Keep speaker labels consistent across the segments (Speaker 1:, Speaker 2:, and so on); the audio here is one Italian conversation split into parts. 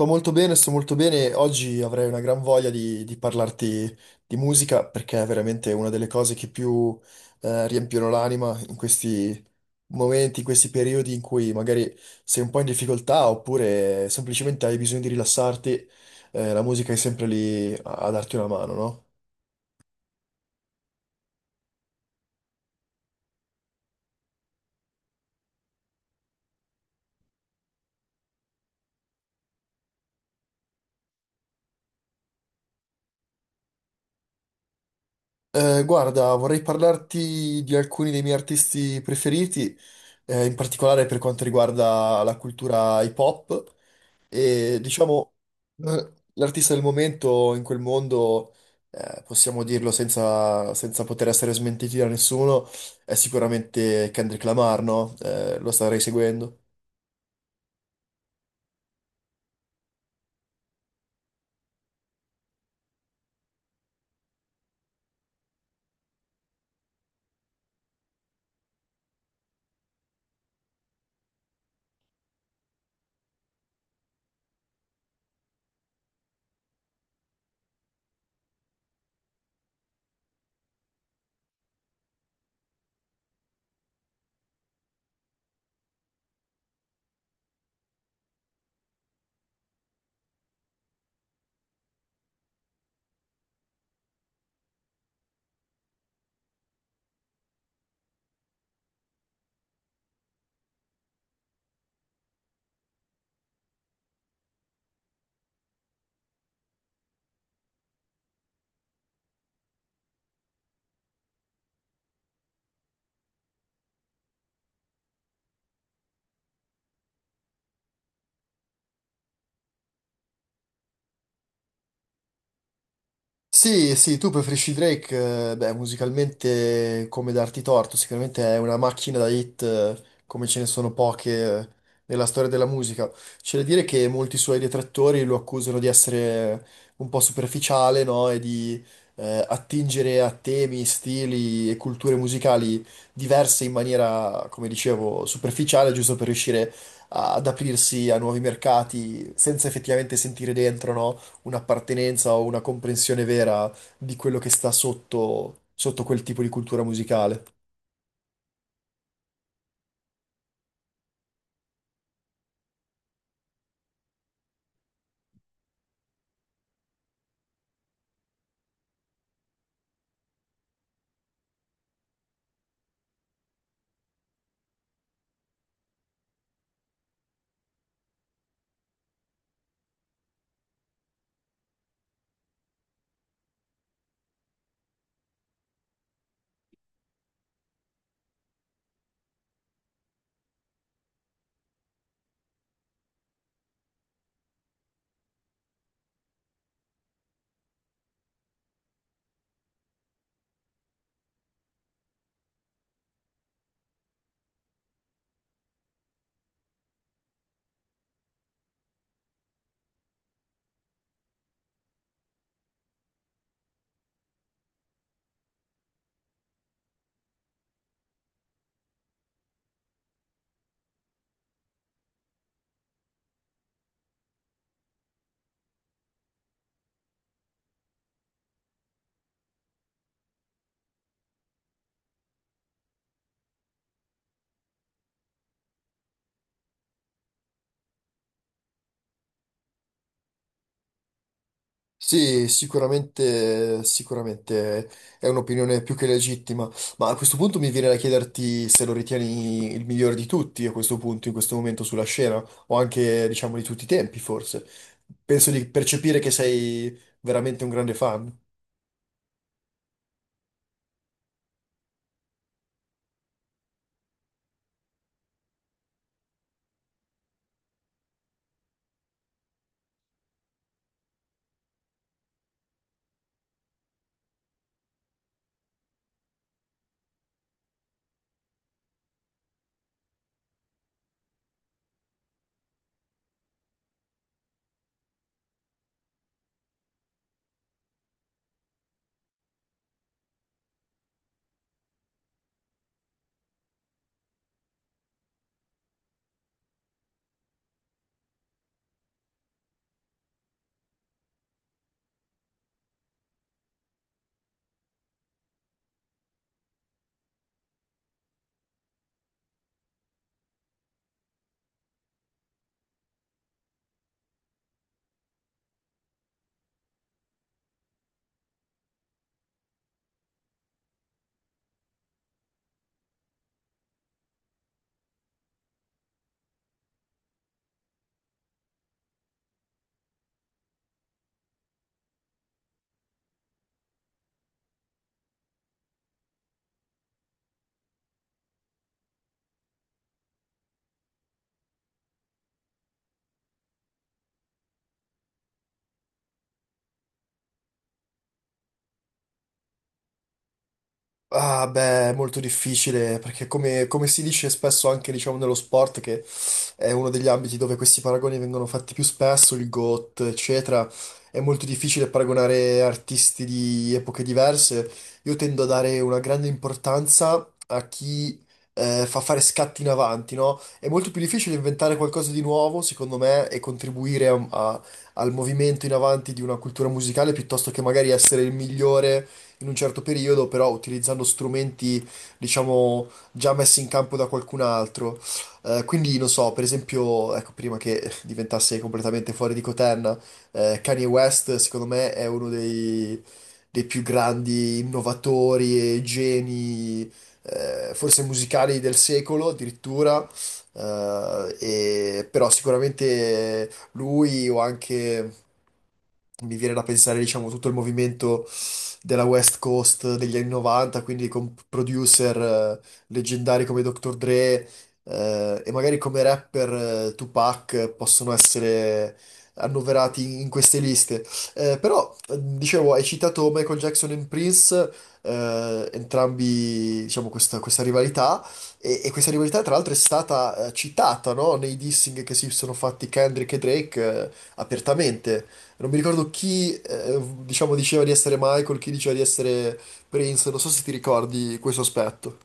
Speaker 1: Sto molto bene, sto molto bene. Oggi avrei una gran voglia di parlarti di musica perché è veramente una delle cose che più riempiono l'anima in questi momenti, in questi periodi in cui magari sei un po' in difficoltà oppure semplicemente hai bisogno di rilassarti. Eh, la musica è sempre lì a darti una mano, no? Guarda, vorrei parlarti di alcuni dei miei artisti preferiti, in particolare per quanto riguarda la cultura hip hop. E diciamo, l'artista del momento in quel mondo, possiamo dirlo senza poter essere smentiti da nessuno, è sicuramente Kendrick Lamar, no? Lo starei seguendo. Sì, sì, tu preferisci Drake, beh, musicalmente come darti torto, sicuramente è una macchina da hit come ce ne sono poche nella storia della musica. C'è da dire che molti suoi detrattori lo accusano di essere un po' superficiale, no? E di attingere a temi, stili e culture musicali diverse in maniera, come dicevo, superficiale, giusto per riuscire ad aprirsi a nuovi mercati senza effettivamente sentire dentro, no? Un'appartenenza o una comprensione vera di quello che sta sotto quel tipo di cultura musicale. Sì, sicuramente, sicuramente è un'opinione più che legittima, ma a questo punto mi viene da chiederti se lo ritieni il migliore di tutti a questo punto, in questo momento sulla scena, o anche, diciamo, di tutti i tempi, forse. Penso di percepire che sei veramente un grande fan. Ah, beh, è molto difficile, perché come, come si dice spesso anche, diciamo, nello sport, che è uno degli ambiti dove questi paragoni vengono fatti più spesso, il GOT, eccetera. È molto difficile paragonare artisti di epoche diverse. Io tendo a dare una grande importanza a chi fa fare scatti in avanti, no? È molto più difficile inventare qualcosa di nuovo, secondo me, e contribuire al movimento in avanti di una cultura musicale piuttosto che magari essere il migliore in un certo periodo, però utilizzando strumenti, diciamo, già messi in campo da qualcun altro. Quindi non so, per esempio, ecco, prima che diventasse completamente fuori di coterna, Kanye West, secondo me, è uno dei più grandi innovatori e geni, forse musicali del secolo addirittura. Però sicuramente lui o anche mi viene da pensare, diciamo, tutto il movimento della West Coast degli anni 90, quindi con producer leggendari come Dr. Dre e magari come rapper Tupac possono essere annoverati in queste liste. Però, dicevo, hai citato Michael Jackson e Prince, entrambi, diciamo, questa rivalità, e questa rivalità tra l'altro è stata citata, no? Nei dissing che si sono fatti Kendrick e Drake apertamente. Non mi ricordo chi, diciamo, diceva di essere Michael, chi diceva di essere Prince, non so se ti ricordi questo aspetto.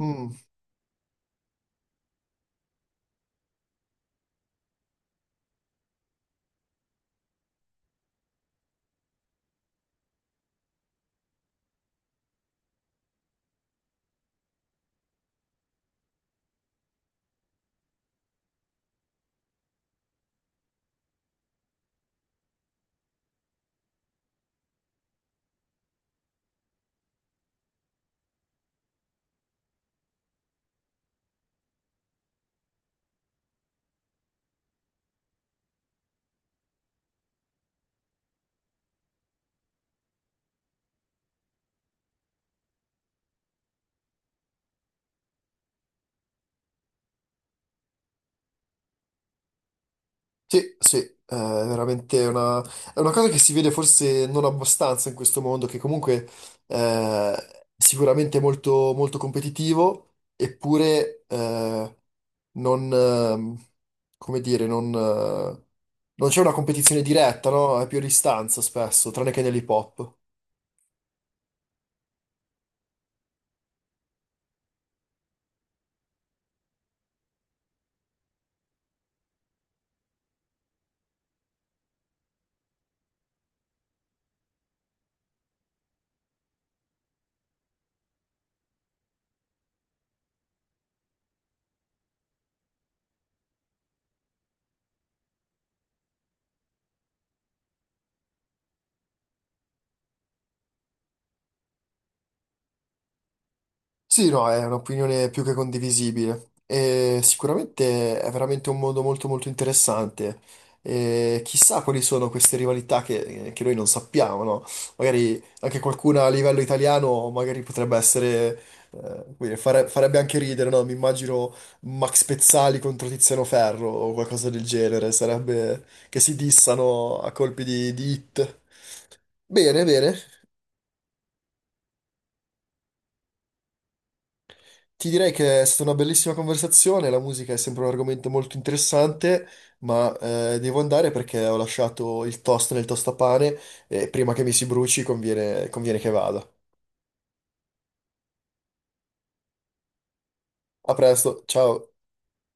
Speaker 1: Mm. Sì, sì, è veramente una, è una cosa che si vede forse non abbastanza in questo mondo, che comunque eh, sicuramente è molto, molto competitivo, eppure non, come dire, non c'è una competizione diretta, no? È più a distanza spesso, tranne che nell'hip hop. Sì, no, è un'opinione più che condivisibile e sicuramente è veramente un mondo molto molto interessante. E chissà quali sono queste rivalità che noi non sappiamo, no? Magari anche qualcuna a livello italiano magari potrebbe essere, come dire, farebbe anche ridere, no? Mi immagino Max Pezzali contro Tiziano Ferro o qualcosa del genere, sarebbe che si dissano a colpi di hit. Bene, bene. Ti direi che è stata una bellissima conversazione, la musica è sempre un argomento molto interessante, ma devo andare perché ho lasciato il toast nel tostapane e prima che mi si bruci conviene che vada. A presto, ciao!